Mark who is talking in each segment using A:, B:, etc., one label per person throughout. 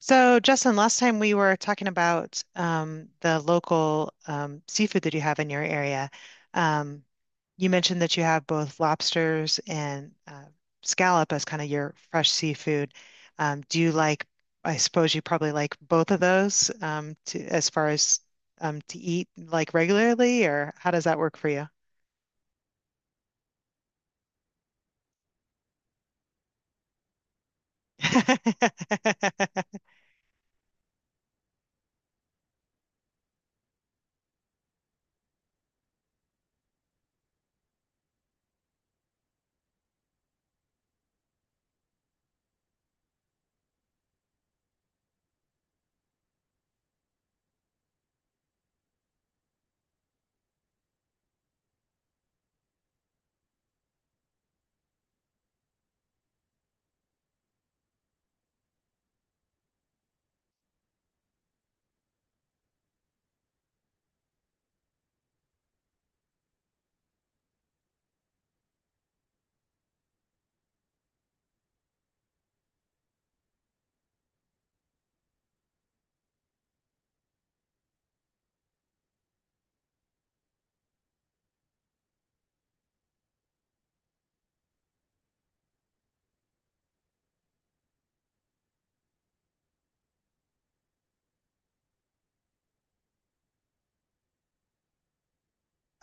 A: So, Justin, last time we were talking about the local seafood that you have in your area. Um, you mentioned that you have both lobsters and scallop as kind of your fresh seafood. Do you like, I suppose you probably like both of those to, as far as to eat like regularly, or how does that work for you?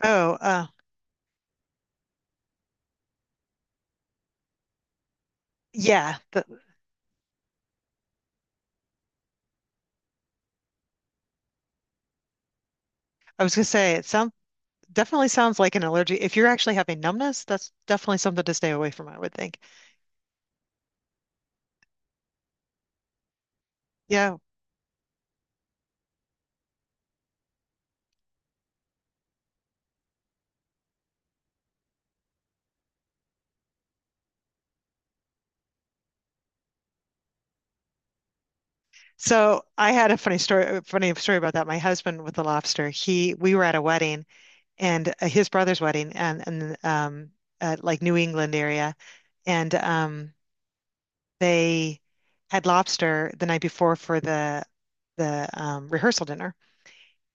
A: Oh, yeah. I was gonna say it sounds. Definitely sounds like an allergy. If you're actually having numbness, that's definitely something to stay away from, I would think. Yeah. So I had a funny story about that. My husband with the lobster, he, we were at a wedding and his brother's wedding and, at like New England area. And, they had lobster the night before for the, the rehearsal dinner.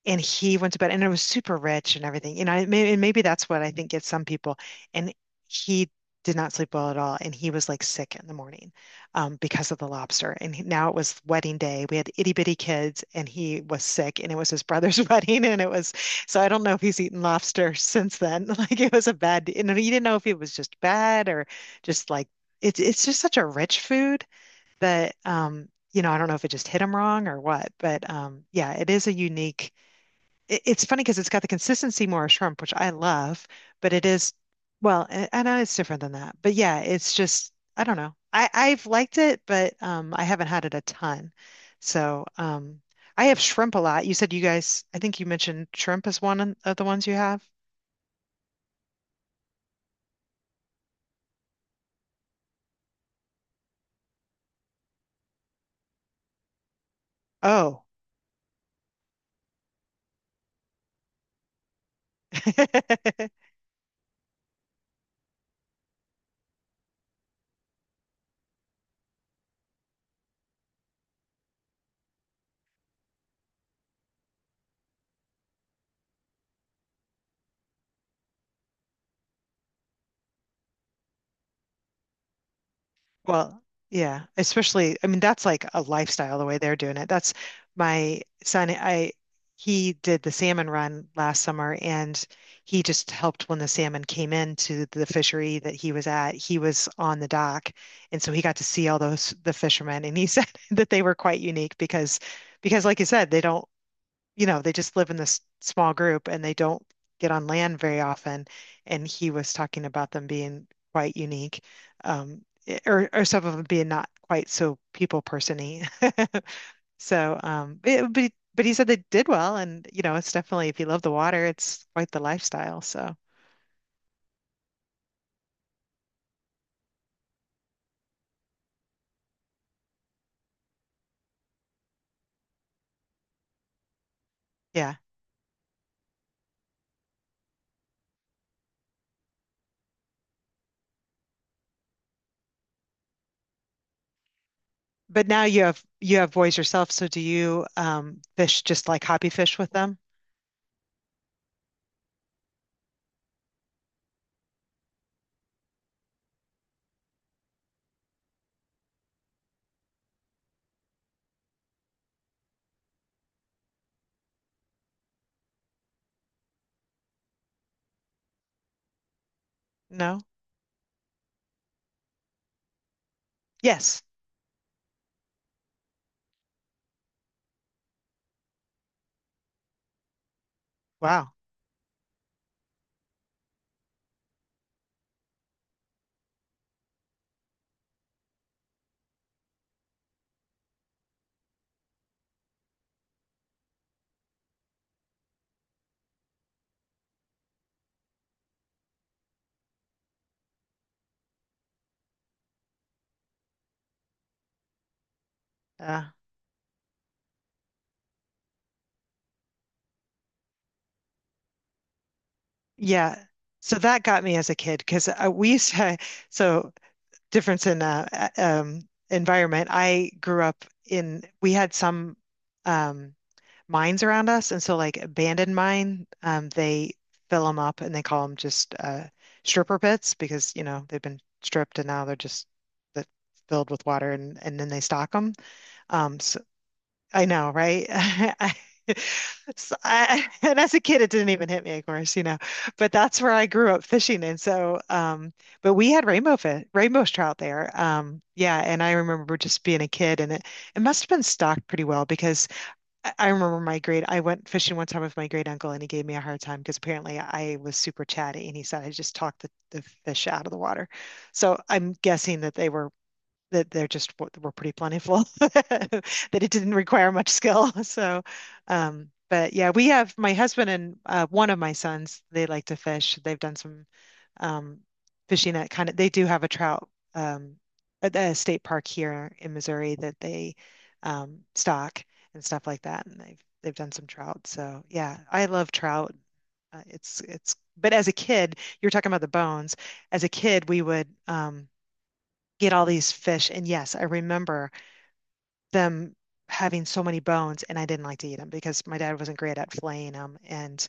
A: And he went to bed and it was super rich and everything. You know, and maybe that's what I think gets some people. And he did not sleep well at all. And he was like sick in the morning because of the lobster. And he- now it was wedding day. We had itty bitty kids and he was sick and it was his brother's wedding. And it was, so I don't know if he's eaten lobster since then. Like it was a bad, you know, you didn't know if it was just bad or just like, it's just such a rich food that, you know, I don't know if it just hit him wrong or what, but yeah, it is a unique it's funny because it's got the consistency more of shrimp, which I love, but it is, well, I know it's different than that. But yeah, it's just, I don't know. I've liked it, but I haven't had it a ton. So I have shrimp a lot. You said you guys, I think you mentioned shrimp is one of the ones you have. Oh. Well, yeah, especially, I mean, that's like a lifestyle the way they're doing it. That's my son. I He did the salmon run last summer and he just helped when the salmon came into the fishery that he was at. He was on the dock and so he got to see all those the fishermen and he said that they were quite unique because like you said, they don't you know, they just live in this small group and they don't get on land very often. And he was talking about them being quite unique, or some of them being not quite so people person-y. So, it, but he said they did well, and you know, it's definitely if you love the water, it's quite the lifestyle. So, yeah. But now you have boys yourself, so do you fish just like hobby fish with them? No? Yes. Wow. Uh, Yeah. So that got me as a kid because we used to, so difference in environment. I grew up in, we had some um, mines around us. And so, like, abandoned mine, they fill them up and they call them just stripper pits because, you know, they've been stripped and now they're just that filled with water and then they stock them. I know, right? I, so I, and as a kid, it didn't even hit me, of course, you know. But that's where I grew up fishing, and so, but we had rainbow fish, rainbow trout there. Yeah, and I remember just being a kid, and it must have been stocked pretty well because I remember my great. I went fishing one time with my great uncle, and he gave me a hard time because apparently I was super chatty, and he said I just talked the fish out of the water. So I'm guessing that they were that they're just were pretty plentiful, that it didn't require much skill. So, but yeah, we have my husband and one of my sons, they like to fish. They've done some um, fishing at kind of, they do have a trout um, at the state park here in Missouri that they stock and stuff like that. And they've done some trout. So yeah, I love trout. It's, but as a kid, you were talking about the bones. As a kid, we would, get all these fish. And yes, I remember them having so many bones, and I didn't like to eat them because my dad wasn't great at filleting them, and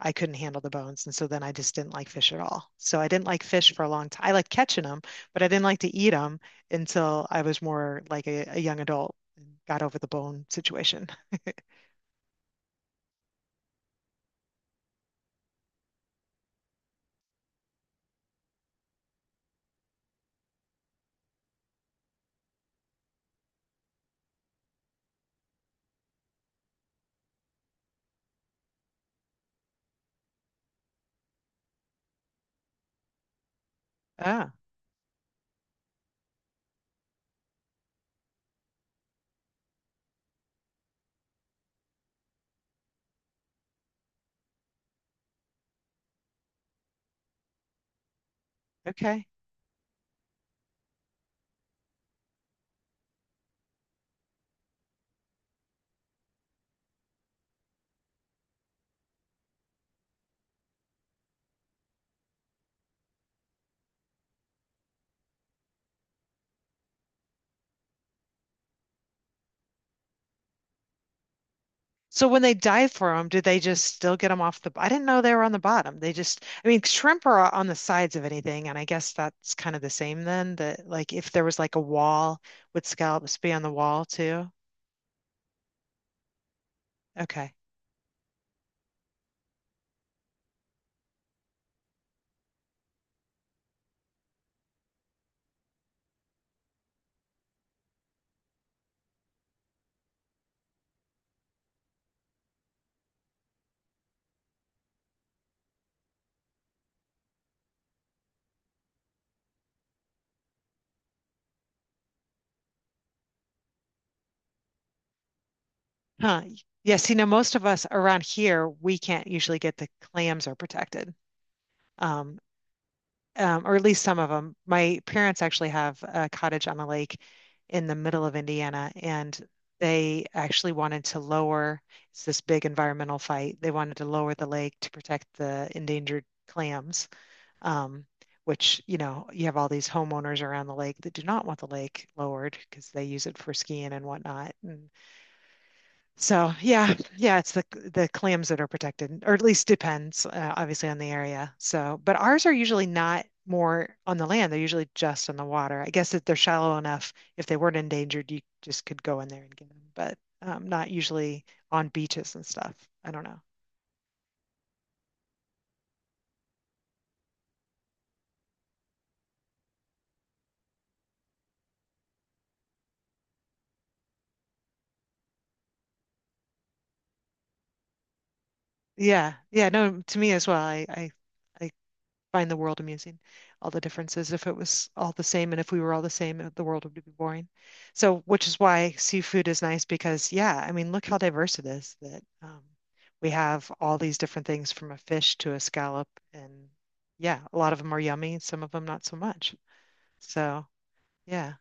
A: I couldn't handle the bones. And so then I just didn't like fish at all. So I didn't like fish for a long time. I liked catching them, but I didn't like to eat them until I was more like a young adult and got over the bone situation. Ah, okay. So when they dive for them, do they just still get them off the? I didn't know they were on the bottom. They just, I mean, shrimp are on the sides of anything, and I guess that's kind of the same then. That like if there was like a wall, would scallops be on the wall too? Okay. Huh. Yes. You know, most of us around here, we can't usually get the clams are protected. Um, or at least some of them. My parents actually have a cottage on a lake in the middle of Indiana, and they actually wanted to lower, it's this big environmental fight. They wanted to lower the lake to protect the endangered clams, um, which, you know, you have all these homeowners around the lake that do not want the lake lowered because they use it for skiing and whatnot. And so yeah, yeah, it's the clams that are protected, or at least depends obviously on the area. So, but ours are usually not more on the land; they're usually just on the water. I guess that they're shallow enough. If they weren't endangered, you just could go in there and get them, but not usually on beaches and stuff. I don't know. Yeah, yeah, no, to me as well. I find the world amusing, all the differences. If it was all the same and if we were all the same, the world would be boring. So, which is why seafood is nice because, yeah, I mean, look how diverse it is that we have all these different things from a fish to a scallop. And yeah, a lot of them are yummy, some of them not so much. So, yeah.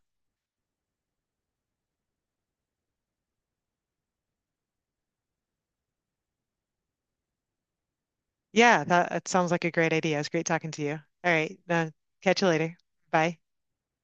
A: Yeah, that sounds like a great idea. It was great talking to you. All right, catch you later. Bye.